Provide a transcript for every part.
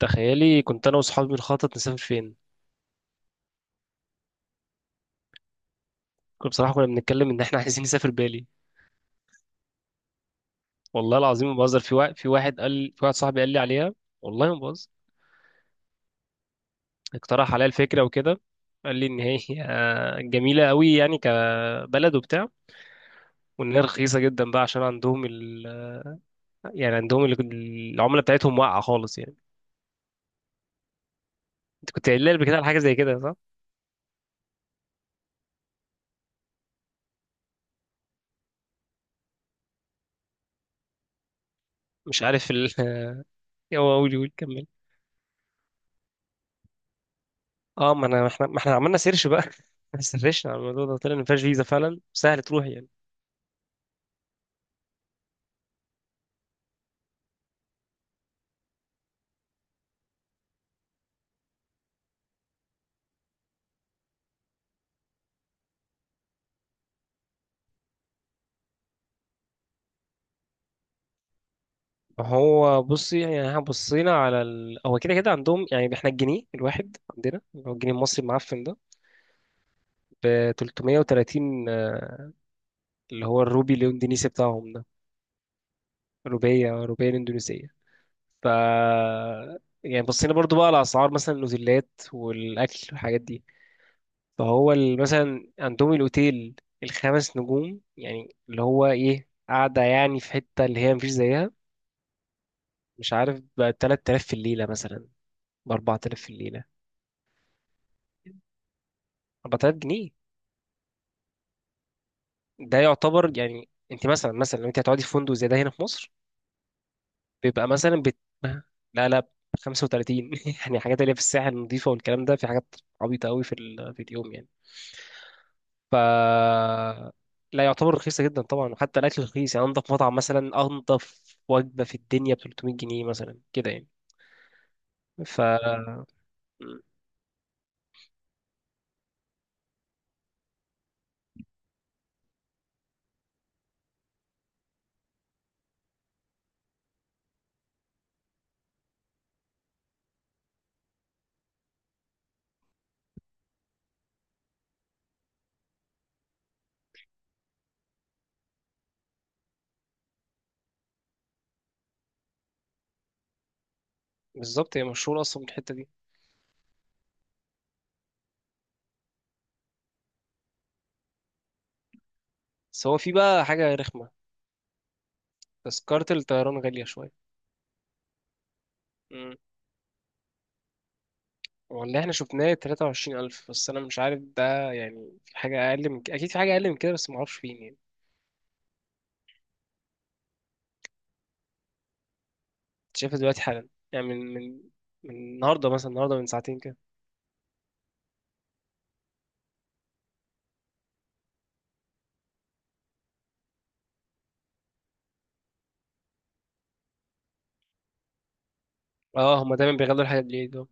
تخيلي كنت انا وصحابي بنخطط نسافر فين. بصراحه كنا بنتكلم ان احنا عايزين نسافر بالي. والله العظيم ما بهزر، في واحد صاحبي قال لي عليها. والله ما بهزر، اقترح عليا الفكره وكده. قال لي ان هي جميله قوي يعني، كبلد وبتاع، وان هي رخيصه جدا بقى عشان عندهم يعني عندهم العمله بتاعتهم واقعه خالص يعني. انت كنت قايل لي قبل كده على حاجه زي كده صح؟ مش عارف هو قول قول كمل. اه، ما انا ما احنا ما احنا عملنا سيرش بقى، سرشنا على الموضوع ده طلع ان مفيهاش فيزا، فعلا سهل تروح يعني. هو بصي، يعني احنا بصينا على هو كده كده عندهم، يعني احنا الجنيه الواحد عندنا اللي هو الجنيه المصري المعفن ده ب 330، اللي هو الروبي الاندونيسي بتاعهم ده. روبية الاندونيسية. ف يعني بصينا برضو بقى على اسعار مثلا الاوتيلات والاكل والحاجات دي. مثلا عندهم الاوتيل الخمس نجوم، يعني اللي هو ايه، قاعدة يعني في حتة اللي هي مفيش زيها. مش عارف، ب 3000 في الليلة مثلا، ب 4000 في الليلة. 4000 جنيه. ده يعتبر يعني انت مثلا، لو انت هتقعدي في فندق زي ده هنا في مصر بيبقى لا لا، 35، يعني حاجات اللي هي في الساحل النظيفة والكلام ده. في حاجات عبيطة قوي في في اليوم يعني. ف لا، يعتبر رخيصة جدا طبعا. وحتى الأكل رخيص يعني، أنضف مطعم مثلا، وجبة في الدنيا ب 300 جنيه مثلا كده يعني. ف بالظبط، هي مشهورة أصلا من الحتة دي. بس هو في بقى حاجة رخمة، تذكرة الطيران غالية شوية. والله احنا شفناه 23000، بس انا مش عارف، ده يعني في حاجة اقل من كده، اكيد في حاجة اقل من كده بس معرفش فين يعني. أنت شايفها دلوقتي حالا يعني، من النهاردة مثلا، النهاردة من ساعتين كده. اه، هما دايما بيغلوا الحاجات بالليل ده.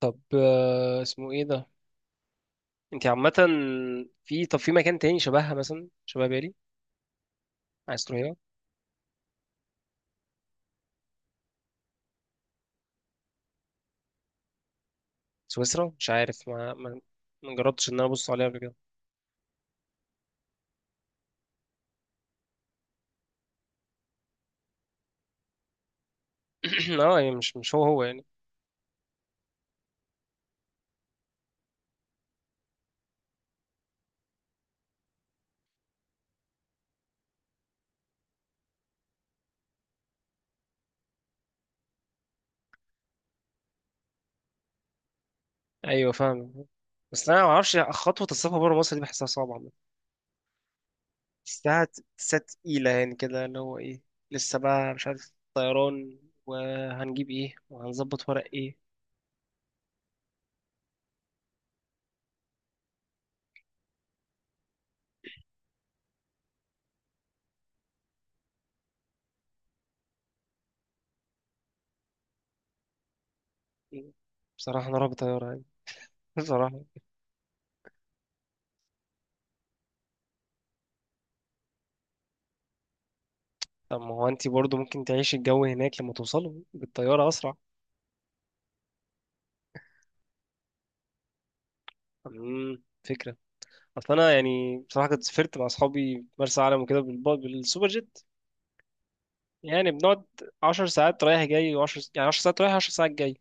طب اسمه ايه ده. انت عامة في، طب في مكان تاني شبهها، مثلا شبه بالي، عايز تروحيها؟ سويسرا؟ مش عارف، ما جربتش ان انا ابص عليها قبل كده. اه يعني مش هو يعني. ايوه فاهم. بس انا ما اعرفش، خطوة السفر بره مصر دي بحسها صعبة. الساعة تسعة تقيلة يعني كده، اللي هو ايه، لسه بقى مش عارف طيران وهنجيب ايه وهنظبط ورق ايه. بصراحة أنا رعب طيارة يعني، بصراحة. طب ما هو أنت برضه ممكن تعيشي الجو هناك لما توصلوا بالطيارة أسرع. امم، فكرة. أصل أنا يعني بصراحة كنت سافرت مع أصحابي مرسى علم وكده بالسوبر جيت. يعني بنقعد 10 ساعات رايح جاي، وعشر يعني 10 ساعات رايح 10 ساعات جاي.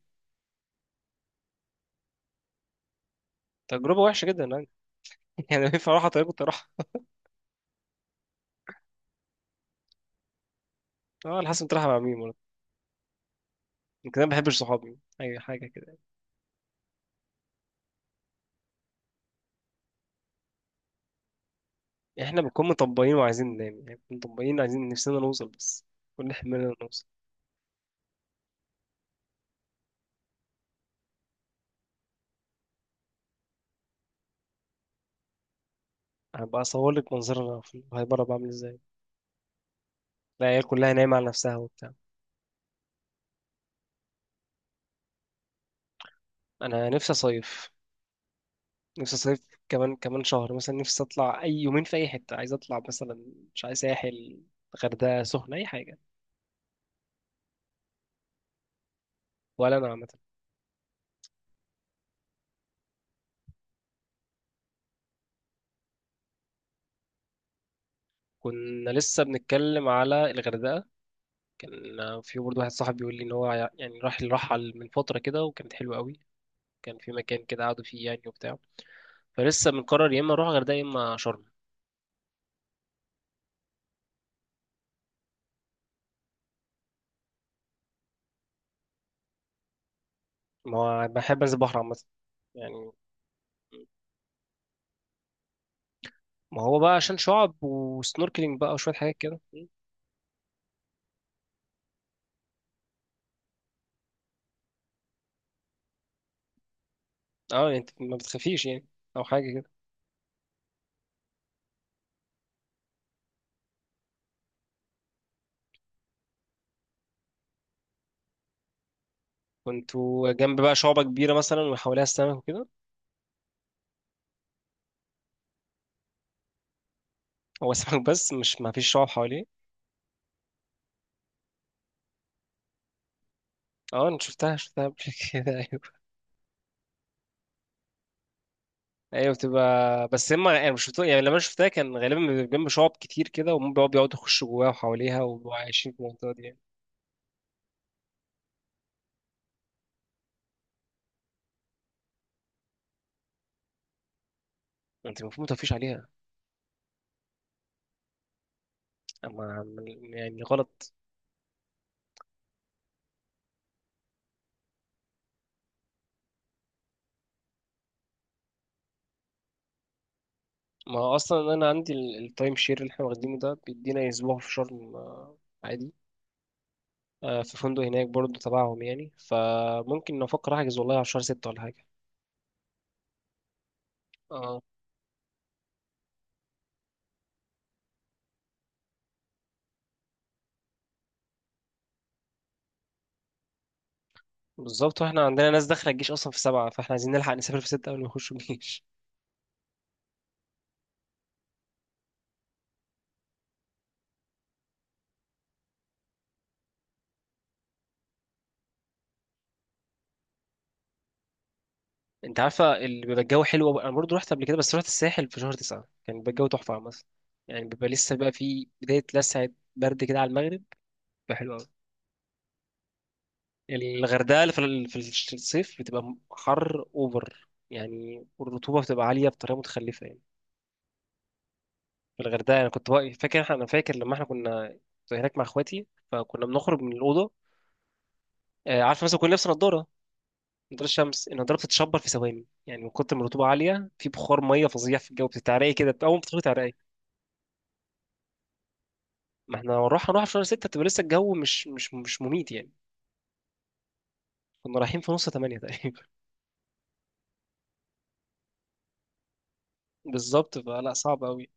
تجربة وحشة جدا يعني. يعني لو ينفع أروح على طريق كنت أروح. أه، على حسب كنت رايحة مع مين برضه. يمكن أنا ما بحبش صحابي أي حاجة كده، يعني احنا بنكون مطبقين وعايزين ننام يعني. بنكون مطبقين عايزين نفسنا نوصل بس، كل حملنا نوصل. هبقى اصور لك منظرنا في الهايبره بعمل ازاي. العيال كلها نايمه على نفسها وبتاع. انا نفسي صيف. نفسي صيف كمان كمان شهر مثلا، نفسي اطلع اي يومين في اي حته. عايز اطلع مثلا، مش عايز ساحل. غردقه، سخنه، اي حاجه. ولا انا عامه. كنا لسه بنتكلم على الغردقه، كان في برضه واحد صاحبي بيقول لي ان هو يعني راح الرحل من فتره كده وكانت حلوه قوي. كان في مكان كده قعدوا فيه يعني وبتاع. فلسه بنقرر يا اما اروح غردقه يا اما شرم. ما هو بحب انزل بحر عامه يعني. ما هو بقى عشان شعب وسنوركلينج بقى وشويه حاجات كده. اه يعني انت ما بتخافيش يعني او حاجه كده؟ كنتوا جنب بقى شعبه كبيره مثلا وحواليها السمك وكده؟ هو سمك بس مش ما فيش شعب حواليه؟ اه انا شفتها قبل كده. ايوه، ايوه بتبقى بس هما يعني مش شفتها. يعني لما أنا شفتها كان غالبا بيبقى جنب شعب كتير كده، وهم بيقعدوا يخشوا جواها وحواليها، وبيبقوا عايشين في المنطقه دي يعني. انت المفروض ما تطفيش عليها. اما يعني غلط. ما هو اصلا انا عندي التايم شير اللي احنا واخدينه ده بيدينا اسبوع في شرم، عادي. في فندق هناك برضو تبعهم يعني، فممكن نفكر احجز والله على شهر 6 ولا حاجة. اه بالظبط، واحنا عندنا ناس داخلة الجيش اصلا في 7، فاحنا عايزين نلحق نسافر في 6 قبل ما يخشوا الجيش. انت عارفة اللي بيبقى الجو حلو أوي، انا برضو رحت قبل كده بس رحت الساحل في شهر 9، كان بيبقى الجو تحفة مثلا. يعني بيبقى لسه بقى في بداية لسعة، برد كده على المغرب، بيبقى حلو أوي. الغردقة في في الصيف بتبقى حر أوفر يعني، والرطوبة بتبقى عالية بطريقة متخلفة يعني. في الغردقة أنا كنت أنا فاكر لما إحنا كنا كنت هناك مع إخواتي، فكنا بنخرج من الأوضة. عارف مثلا كنا لابس نضارة، نضارة الشمس، النضارة بتتشبر في ثواني يعني من كتر ما الرطوبة عالية، في بخار مية فظيع في الجو، بتتعرقي كده أول ما بتدخلي تعرقي. ما إحنا هنروح في شهر 6، بتبقى لسه الجو مش مميت يعني. كنا رايحين في نص 8 تقريبا. بالظبط، فلا صعب أوي.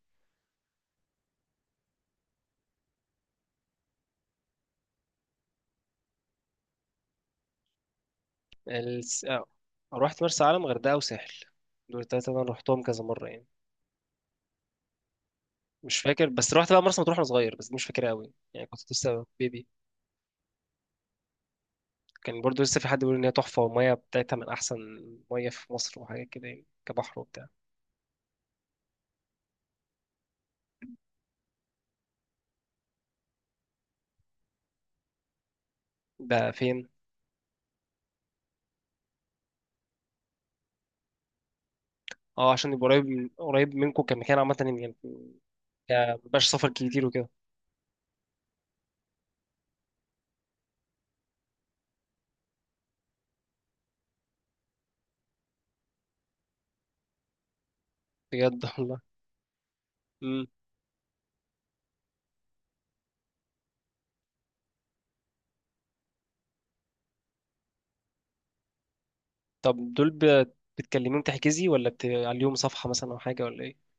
آه. رحت مرسى علم، غردقة، وساحل. دول التلاتة اللي أنا رحتهم كذا مرة يعني. مش فاكر بس رحت بقى مرسى مطروح وأنا صغير، بس دي مش فاكرها أوي يعني، كنت لسه بيبي. كان برضو لسه في حد بيقول إن هي تحفة والمية بتاعتها من أحسن مية في مصر وحاجات كده يعني، كبحر وبتاع. ده فين؟ اه عشان يبقى قريب، من قريب منكم كمكان عامة يعني، مبقاش سفر كتير وكده. بجد والله. مم. طب دول بتكلميهم تحجزي ولا عليهم صفحة مثلا أو حاجة ولا إيه؟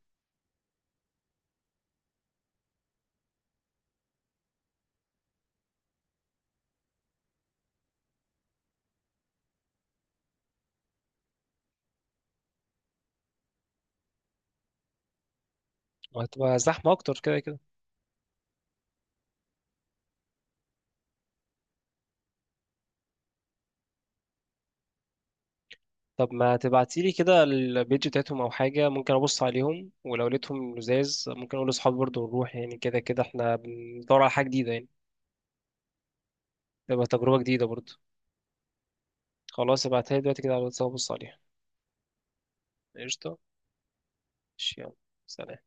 وهتبقى زحمة أكتر كده. طب ما تبعتيلي كده البيج بتاعتهم او حاجه، ممكن ابص عليهم، ولو لقيتهم لزاز ممكن اقول لاصحابي برضه ونروح، يعني كده كده احنا بندور على حاجه جديده يعني، تبقى تجربه جديده برضه. خلاص ابعتها لي دلوقتي كده على الواتساب ابص عليها. قشطه. ماشي، يلا. سلام.